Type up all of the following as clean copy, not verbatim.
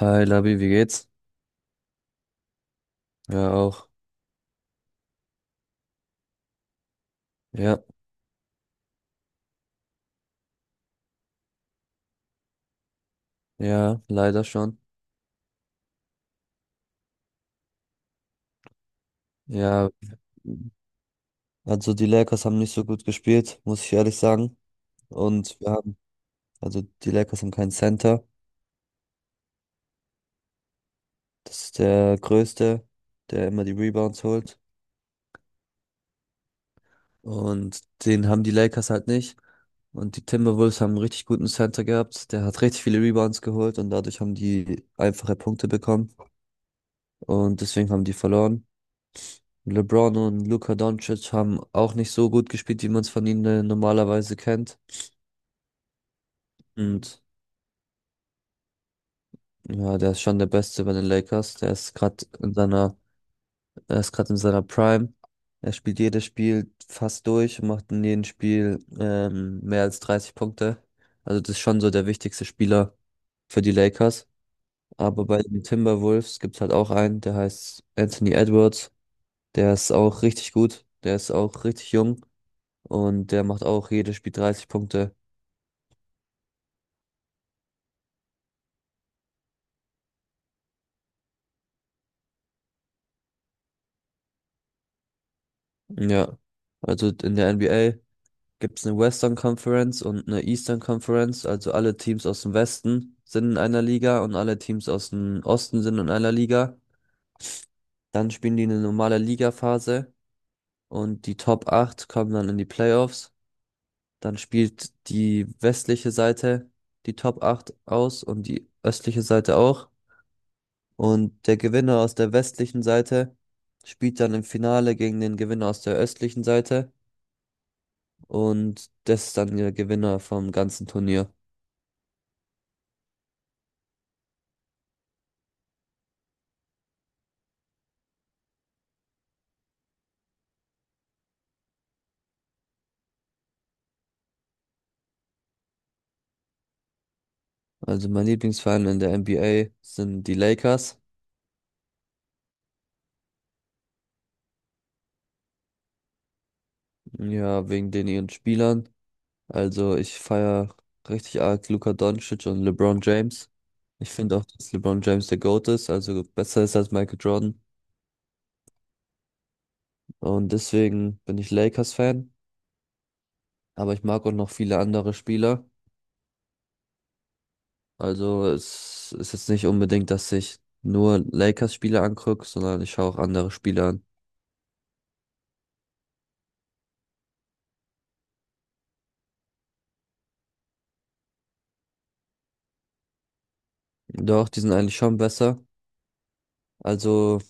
Hi Labi, wie geht's? Ja, auch. Ja, ja, leider schon. Ja, also die Lakers haben nicht so gut gespielt, muss ich ehrlich sagen. Und wir haben, also die Lakers haben keinen Center. Das ist der Größte, der immer die Rebounds holt. Und den haben die Lakers halt nicht. Und die Timberwolves haben einen richtig guten Center gehabt. Der hat richtig viele Rebounds geholt und dadurch haben die einfache Punkte bekommen. Und deswegen haben die verloren. LeBron und Luka Doncic haben auch nicht so gut gespielt, wie man es von ihnen normalerweise kennt. Und ja, der ist schon der Beste bei den Lakers. Der ist gerade in seiner, Er ist gerade in seiner Prime. Er spielt jedes Spiel fast durch und macht in jedem Spiel mehr als 30 Punkte. Also das ist schon so der wichtigste Spieler für die Lakers. Aber bei den Timberwolves gibt es halt auch einen, der heißt Anthony Edwards. Der ist auch richtig gut. Der ist auch richtig jung. Und der macht auch jedes Spiel 30 Punkte. Ja, also in der NBA gibt es eine Western Conference und eine Eastern Conference. Also alle Teams aus dem Westen sind in einer Liga und alle Teams aus dem Osten sind in einer Liga. Dann spielen die eine normale Ligaphase und die Top 8 kommen dann in die Playoffs. Dann spielt die westliche Seite die Top 8 aus und die östliche Seite auch. Und der Gewinner aus der westlichen Seite spielt dann im Finale gegen den Gewinner aus der östlichen Seite. Und das ist dann der Gewinner vom ganzen Turnier. Also mein Lieblingsverein in der NBA sind die Lakers. Ja, wegen den ihren Spielern. Also ich feiere richtig arg Luka Doncic und LeBron James. Ich finde auch, dass LeBron James der GOAT ist, also besser ist als Michael Jordan. Und deswegen bin ich Lakers-Fan. Aber ich mag auch noch viele andere Spieler. Also es ist jetzt nicht unbedingt, dass ich nur Lakers-Spieler angucke, sondern ich schaue auch andere Spieler an. Doch, die sind eigentlich schon besser. Also,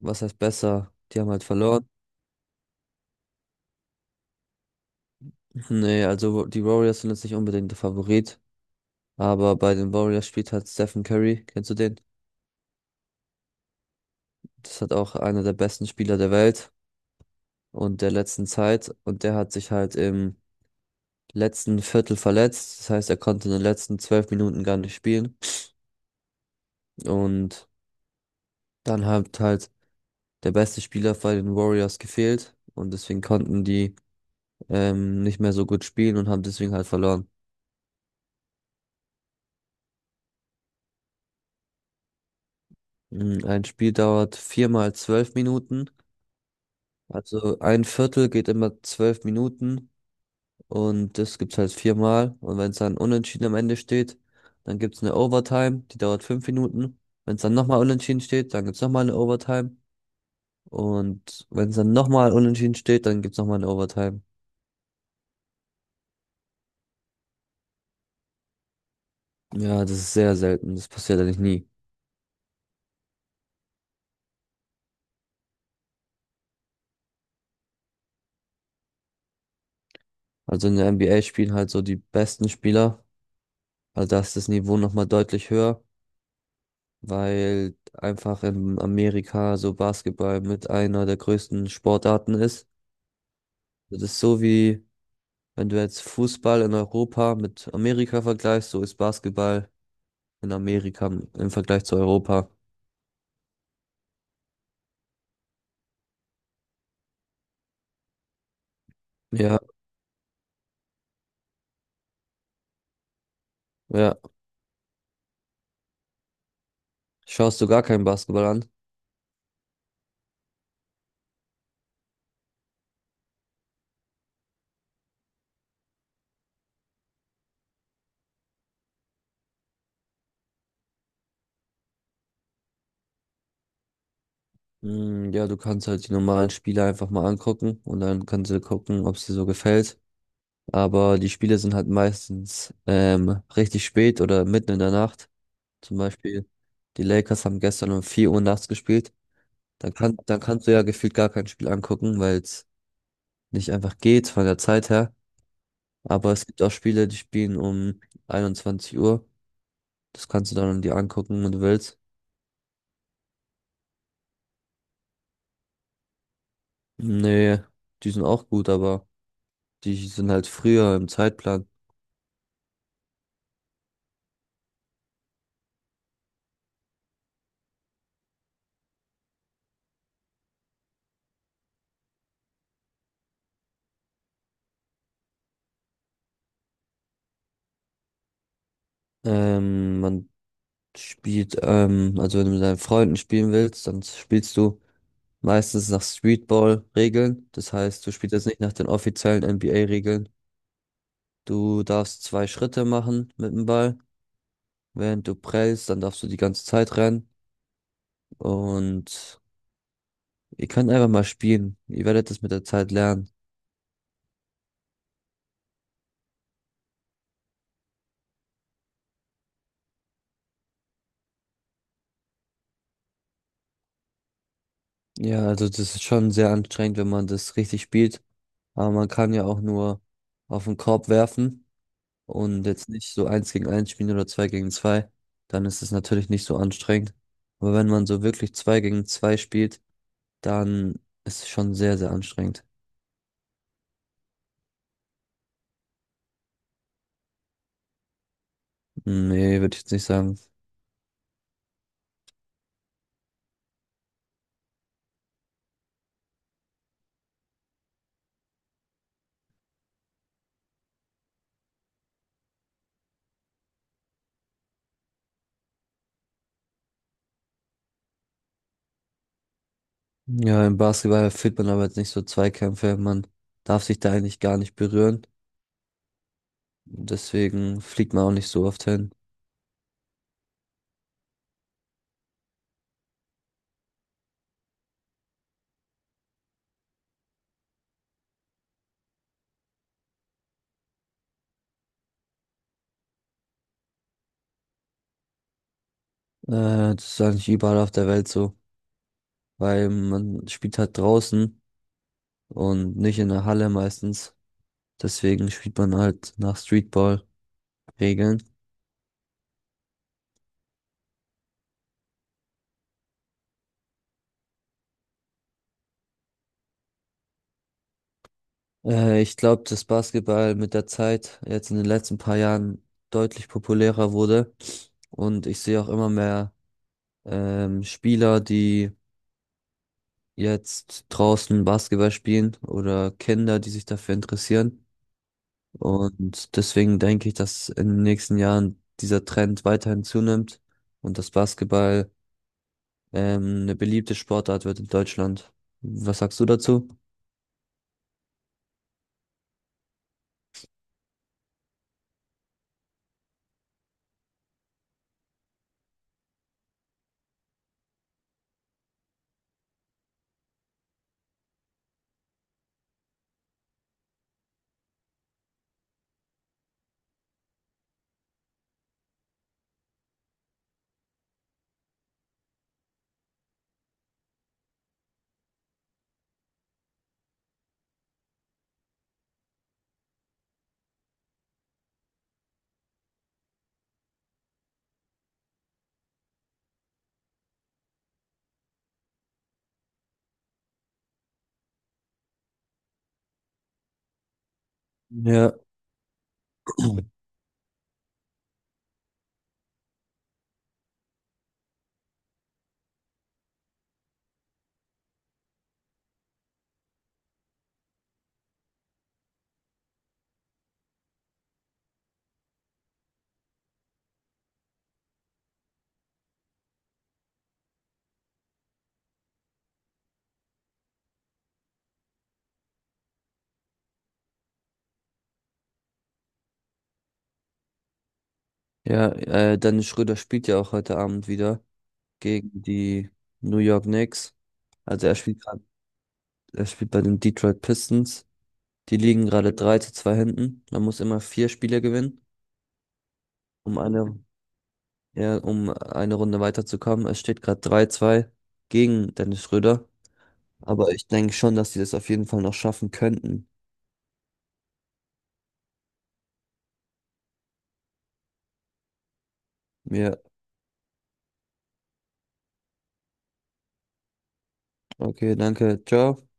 was heißt besser? Die haben halt verloren. Nee, also die Warriors sind jetzt nicht unbedingt der Favorit. Aber bei den Warriors spielt halt Stephen Curry. Kennst du den? Das hat auch einer der besten Spieler der Welt und der letzten Zeit. Und der hat sich halt im letzten Viertel verletzt. Das heißt, er konnte in den letzten 12 Minuten gar nicht spielen. Und dann hat halt der beste Spieler bei den Warriors gefehlt. Und deswegen konnten die nicht mehr so gut spielen und haben deswegen halt verloren. Mm, ein Spiel dauert 4×12 Minuten. Also ein Viertel geht immer 12 Minuten und das gibt's halt viermal. Und wenn es dann unentschieden am Ende steht, dann gibt's eine Overtime, die dauert 5 Minuten. Wenn es dann nochmal unentschieden steht, dann gibt's nochmal eine Overtime. Und wenn es dann nochmal unentschieden steht, dann gibt's nochmal eine Overtime. Ja, das ist sehr selten. Das passiert eigentlich nie. Also in der NBA spielen halt so die besten Spieler. Also da ist das Niveau nochmal deutlich höher, weil einfach in Amerika so Basketball mit einer der größten Sportarten ist. Das ist so wie, wenn du jetzt Fußball in Europa mit Amerika vergleichst, so ist Basketball in Amerika im Vergleich zu Europa. Ja, ja. Schaust du gar keinen Basketball an? Hm, ja, du kannst halt die normalen Spiele einfach mal angucken und dann kannst du gucken, ob es dir so gefällt. Aber die Spiele sind halt meistens richtig spät oder mitten in der Nacht. Zum Beispiel, die Lakers haben gestern um 4 Uhr nachts gespielt. Dann kannst du ja gefühlt gar kein Spiel angucken, weil es nicht einfach geht von der Zeit her. Aber es gibt auch Spiele, die spielen um 21 Uhr. Das kannst du dann dir angucken, wenn du willst. Nee, die sind auch gut, aber die sind halt früher im Zeitplan. Man also wenn du mit deinen Freunden spielen willst, dann spielst du meistens nach Streetball-Regeln. Das heißt, du spielst jetzt nicht nach den offiziellen NBA-Regeln. Du darfst zwei Schritte machen mit dem Ball. Während du prellst, dann darfst du die ganze Zeit rennen. Und ihr könnt einfach mal spielen. Ihr werdet das mit der Zeit lernen. Ja, also das ist schon sehr anstrengend, wenn man das richtig spielt. Aber man kann ja auch nur auf den Korb werfen und jetzt nicht so eins gegen eins spielen oder zwei gegen zwei. Dann ist es natürlich nicht so anstrengend. Aber wenn man so wirklich zwei gegen zwei spielt, dann ist es schon sehr, sehr anstrengend. Nee, würde ich jetzt nicht sagen. Ja, im Basketball führt man aber jetzt nicht so Zweikämpfe. Man darf sich da eigentlich gar nicht berühren. Deswegen fliegt man auch nicht so oft hin. Das ist eigentlich überall auf der Welt so, weil man spielt halt draußen und nicht in der Halle meistens. Deswegen spielt man halt nach Streetball-Regeln. Ich glaube, dass Basketball mit der Zeit jetzt in den letzten paar Jahren deutlich populärer wurde. Und ich sehe auch immer mehr Spieler, die jetzt draußen Basketball spielen oder Kinder, die sich dafür interessieren. Und deswegen denke ich, dass in den nächsten Jahren dieser Trend weiterhin zunimmt und das Basketball eine beliebte Sportart wird in Deutschland. Was sagst du dazu? Ja, ja, Dennis Schröder spielt ja auch heute Abend wieder gegen die New York Knicks. Also er spielt grad, er spielt bei den Detroit Pistons. Die liegen gerade 3 zu 2 hinten. Man muss immer 4 Spiele gewinnen, um eine ja, um eine Runde weiterzukommen. Es steht gerade 3-2 gegen Dennis Schröder. Aber ich denke schon, dass sie das auf jeden Fall noch schaffen könnten. Ja, okay, danke. Ciao.